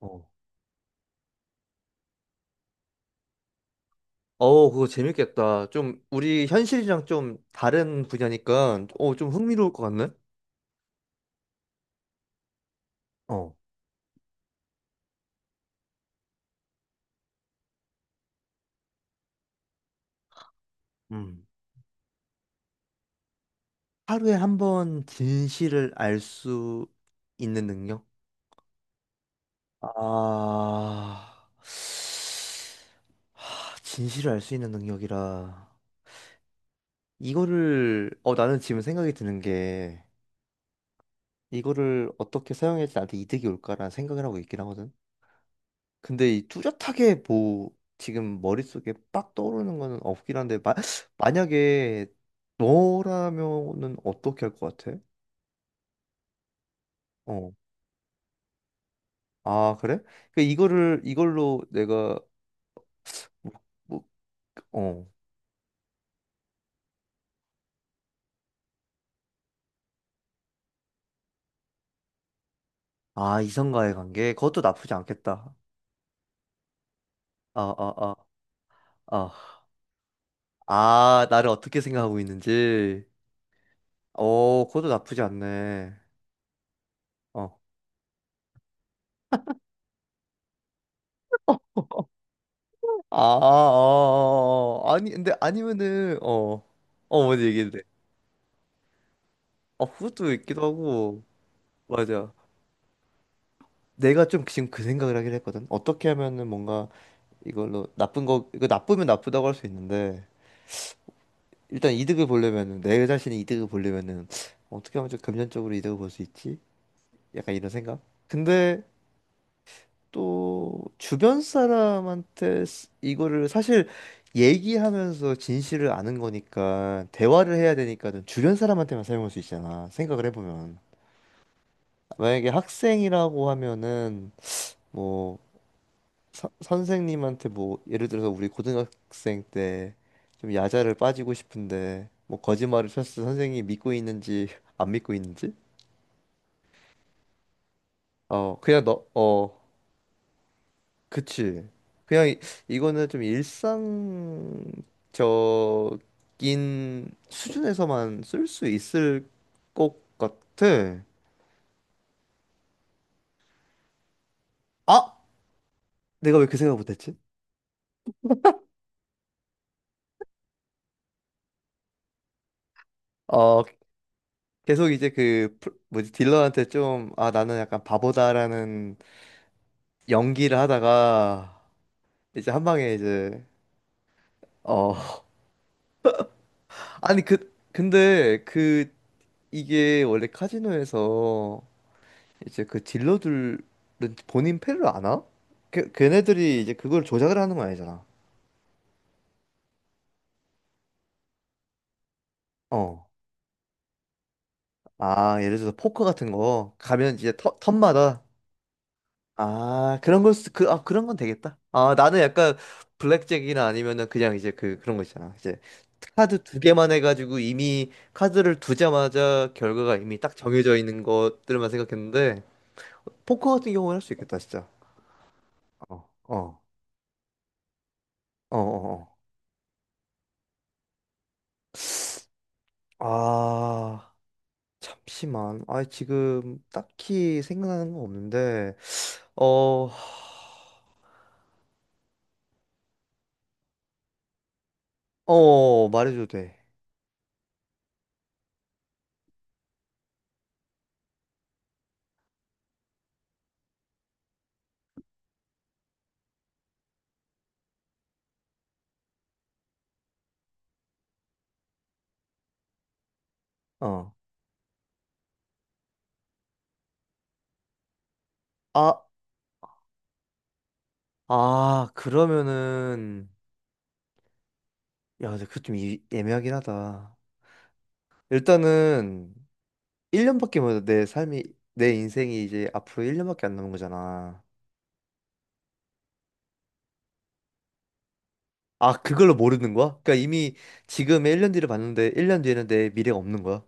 어. 어, 그거 재밌겠다. 좀 우리 현실이랑 좀 다른 분야니까 좀 흥미로울 것 같네. 어, 음. 하루에 한번 진실을 알 수 있는 능력? 아, 하, 진실을 알 수 있는 능력이라. 이거를, 나는 지금 생각이 드는 게, 이거를 어떻게 사용해야지 나한테 이득이 올까라는 생각을 하고 있긴 하거든. 근데 이 뚜렷하게 뭐 지금 머릿속에 빡 떠오르는 거는 없긴 한데 마, 만약에 너라면은 어떻게 할 것 같아? 어. 아, 그래? 그 이거를 이걸로 내가 뭐, 뭐, 어. 아, 이성과의 관계 그것도 나쁘지 않겠다. 아, 아, 아, 아. 아, 나를 어떻게 생각하고 있는지. 어, 그것도 나쁘지 않네. 어. 아, 아, 아, 아, 아. 아니 근데 아니면은 어. 어, 먼저 얘기해. 아, 그것도 있기도 하고, 맞아. 내가 좀 지금 그 생각을 하긴 했거든. 어떻게 하면은 뭔가 이걸로 나쁜 거, 이거 나쁘면 나쁘다고 할 수 있는데, 일단 이득을 보려면은, 내 자신의 이득을 보려면은, 어떻게 하면 좀 금전적으로 이득을 볼 수 있지? 약간 이런 생각? 근데 또, 주변 사람한테 이거를 사실 얘기하면서 진실을 아는 거니까, 대화를 해야 되니까는 주변 사람한테만 사용할 수 있잖아. 생각을 해보면. 만약에 학생이라고 하면은, 뭐, 선생님한테 뭐 예를 들어서 우리 고등학생 때 좀 야자를 빠지고 싶은데 뭐 거짓말을 쳤을 때 선생님이 믿고 있는지 안 믿고 있는지. 어, 그냥 너, 어. 그치. 그냥 이거는 좀 일상적인 수준에서만 쓸 수 있을 것 같아. 아, 내가 왜 그 생각 못했지. 어, 계속 이제 그 뭐지, 딜러한테 좀, 아, 나는 약간 바보다라는 연기를 하다가 이제 한 방에 이제. 어, 아니 그 근데 그, 이게 원래 카지노에서 이제 그 딜러들은 본인 패를 아나? 걔네들이 이제 그걸 조작을 하는 건 아니잖아. 어. 아, 예를 들어서 포커 같은 거 가면 이제 턴마다. 아, 그런 걸 그, 아, 그런 건 되겠다. 아, 나는 약간 블랙잭이나 아니면은 그냥 이제 그 그런 거 있잖아. 이제 카드 두 개만 해가지고 이미 카드를 두자마자 결과가 이미 딱 정해져 있는 것들만 생각했는데 포커 같은 경우는 할 수 있겠다, 진짜. 어, 어, 어, 어. 어. 아, 잠시만. 아, 지금 딱히 생각나는 건 없는데, 어, 하. 어, 말해줘도 돼. 어. 아, 아, 그러면은, 야, 근데 그거 좀 애매하긴 하다. 일단은, 1년밖에 못, 내 삶이, 내 인생이 이제 앞으로 1년밖에 안 남은 거잖아. 아, 그걸로 모르는 거야? 그러니까 이미 지금의 1년 뒤를 봤는데, 1년 뒤에는 내 미래가 없는 거야?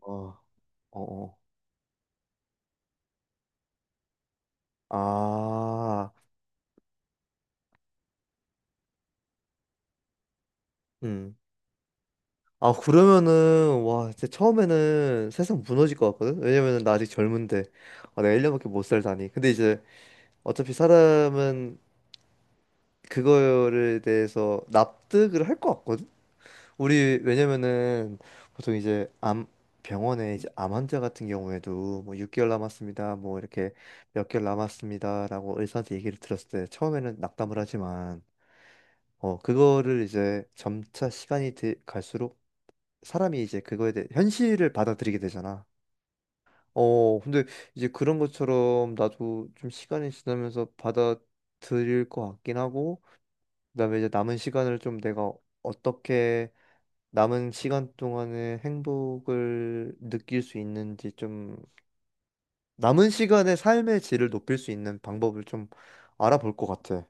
어, 어, 어. 아, 음. 아, 그러면은, 와, 진짜 처음에는 세상 무너질 것 같거든? 왜냐면은 나 아직 젊은데. 아, 내가 1년밖에 못 살다니. 근데 이제 어차피 사람은 그거를 대해서 납득을 할 것 같거든? 우리, 왜냐면은 보통 이제 암, 병원에 이제 암 환자 같은 경우에도 뭐 6개월 남았습니다. 뭐 이렇게 몇 개월 남았습니다 라고 의사한테 얘기를 들었을 때 처음에는 낙담을 하지만 어, 그거를 이제 점차 시간이 갈수록 사람이 이제 그거에 대해 현실을 받아들이게 되잖아. 어, 근데 이제 그런 것처럼 나도 좀 시간이 지나면서 받아들일 것 같긴 하고, 그다음에 이제 남은 시간을 좀 내가 어떻게 남은 시간 동안의 행복을 느낄 수 있는지, 좀 남은 시간의 삶의 질을 높일 수 있는 방법을 좀 알아볼 것 같아.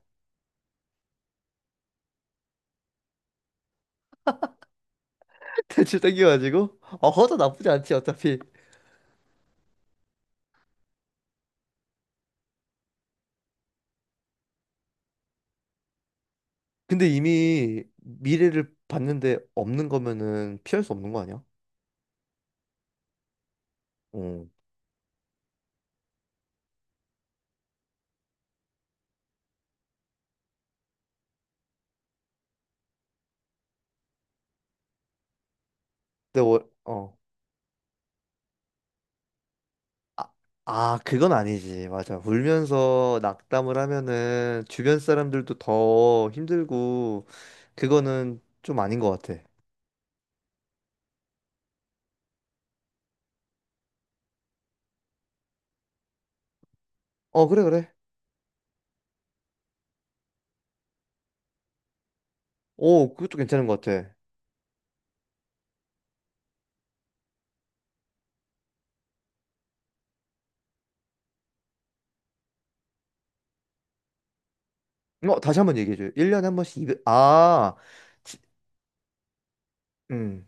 대출 땡겨가지고 허도 나쁘지 않지 어차피. 근데 이미 미래를 봤는데 없는 거면은 피할 수 없는 거 아니야? 음. 근데 월, 어. 아, 아, 그건 아니지. 맞아. 울면서 낙담을 하면은 주변 사람들도 더 힘들고 그거는 좀 아닌 것 같아. 어, 그래, 그래. 오, 그것도 괜찮은 것 같아. 어, 다시 한번 얘기해줘. 1년에 한 번씩 200 아, 지- 음.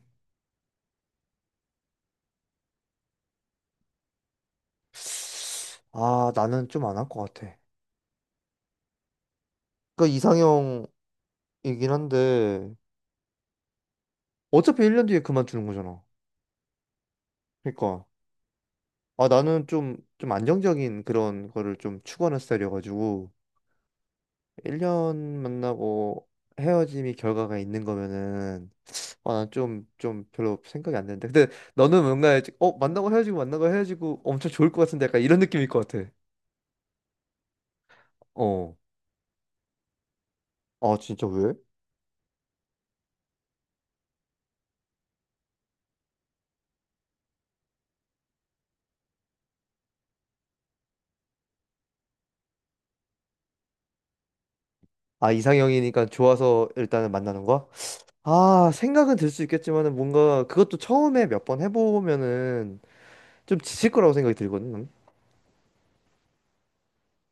아, 나는 좀 안 할 것 같아. 그러니까 이상형이긴 한데 어차피 1년 뒤에 그만두는 거잖아. 그러니까 아, 나는 좀 안정적인 그런 거를 좀 추구하는 스타일이어가지고 1년 만나고 헤어짐이 결과가 있는 거면은 아, 난좀 좀좀 별로 생각이 안 되는데. 근데 너는 뭔가 이제 만나고 헤어지고 만나고 헤어지고 엄청 좋을 것 같은데 약간 이런 느낌일 것 같아. 어. 아, 진짜 왜? 아, 이상형이니까 좋아서 일단은 만나는 거야? 아, 생각은 들 수 있겠지만은 뭔가 그것도 처음에 몇 번 해보면은 좀 지칠 거라고 생각이 들거든. 나는.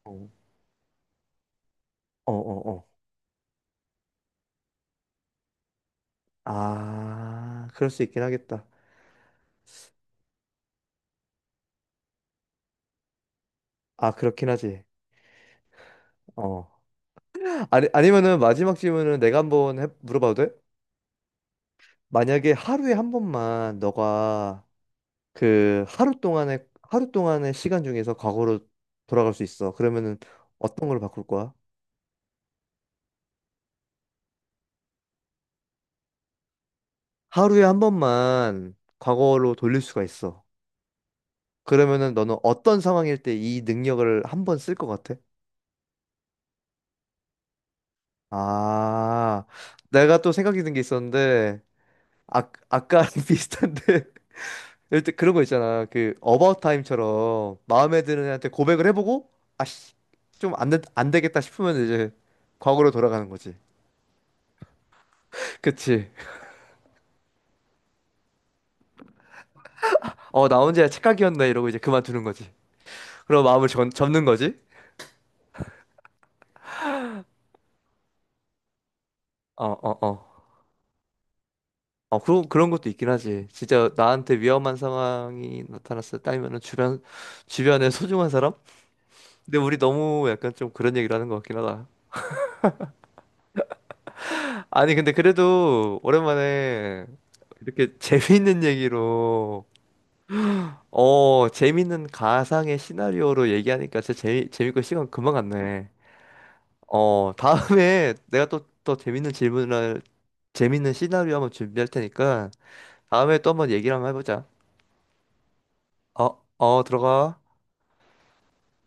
어, 어, 어. 어. 아, 그럴 수 있긴 하겠다. 아, 그렇긴 하지. 어. 아니, 아니면은 마지막 질문은 내가 한번 물어봐도 돼? 만약에 하루에 한 번만 너가 그 하루 동안의 시간 중에서 과거로 돌아갈 수 있어. 그러면은 어떤 걸 바꿀 거야? 하루에 한 번만 과거로 돌릴 수가 있어. 그러면은 너는 어떤 상황일 때 이 능력을 한 번 쓸 것 같아? 아, 내가 또 생각이 든 게 있었는데, 아, 아까 비슷한데 일단 그런 거 있잖아. 그 어바웃 타임처럼 마음에 드는 애한테 고백을 해보고 아씨 좀 안 되겠다 싶으면 이제 과거로 돌아가는 거지. 그치. 어, 나 혼자 착각이었네 이러고 이제 그만두는 거지. 그럼 마음을 접는 거지. 어, 어, 어. 어, 그런 것도 있긴 하지. 진짜 나한테 위험한 상황이 나타났을 때면은 주변에 소중한 사람? 근데 우리 너무 약간 좀 그런 얘기를 하는 것 같긴 하다. 아니 근데 그래도 오랜만에 이렇게 재미있는 얘기로 어, 재밌는 가상의 시나리오로 얘기하니까 진짜 재밌고 시간 금방 갔네. 어, 다음에 내가 또 재밌는 질문을, 재밌는 시나리오 한번 준비할 테니까 다음에 또 한번 얘기를 한번 해보자. 어, 어, 들어가.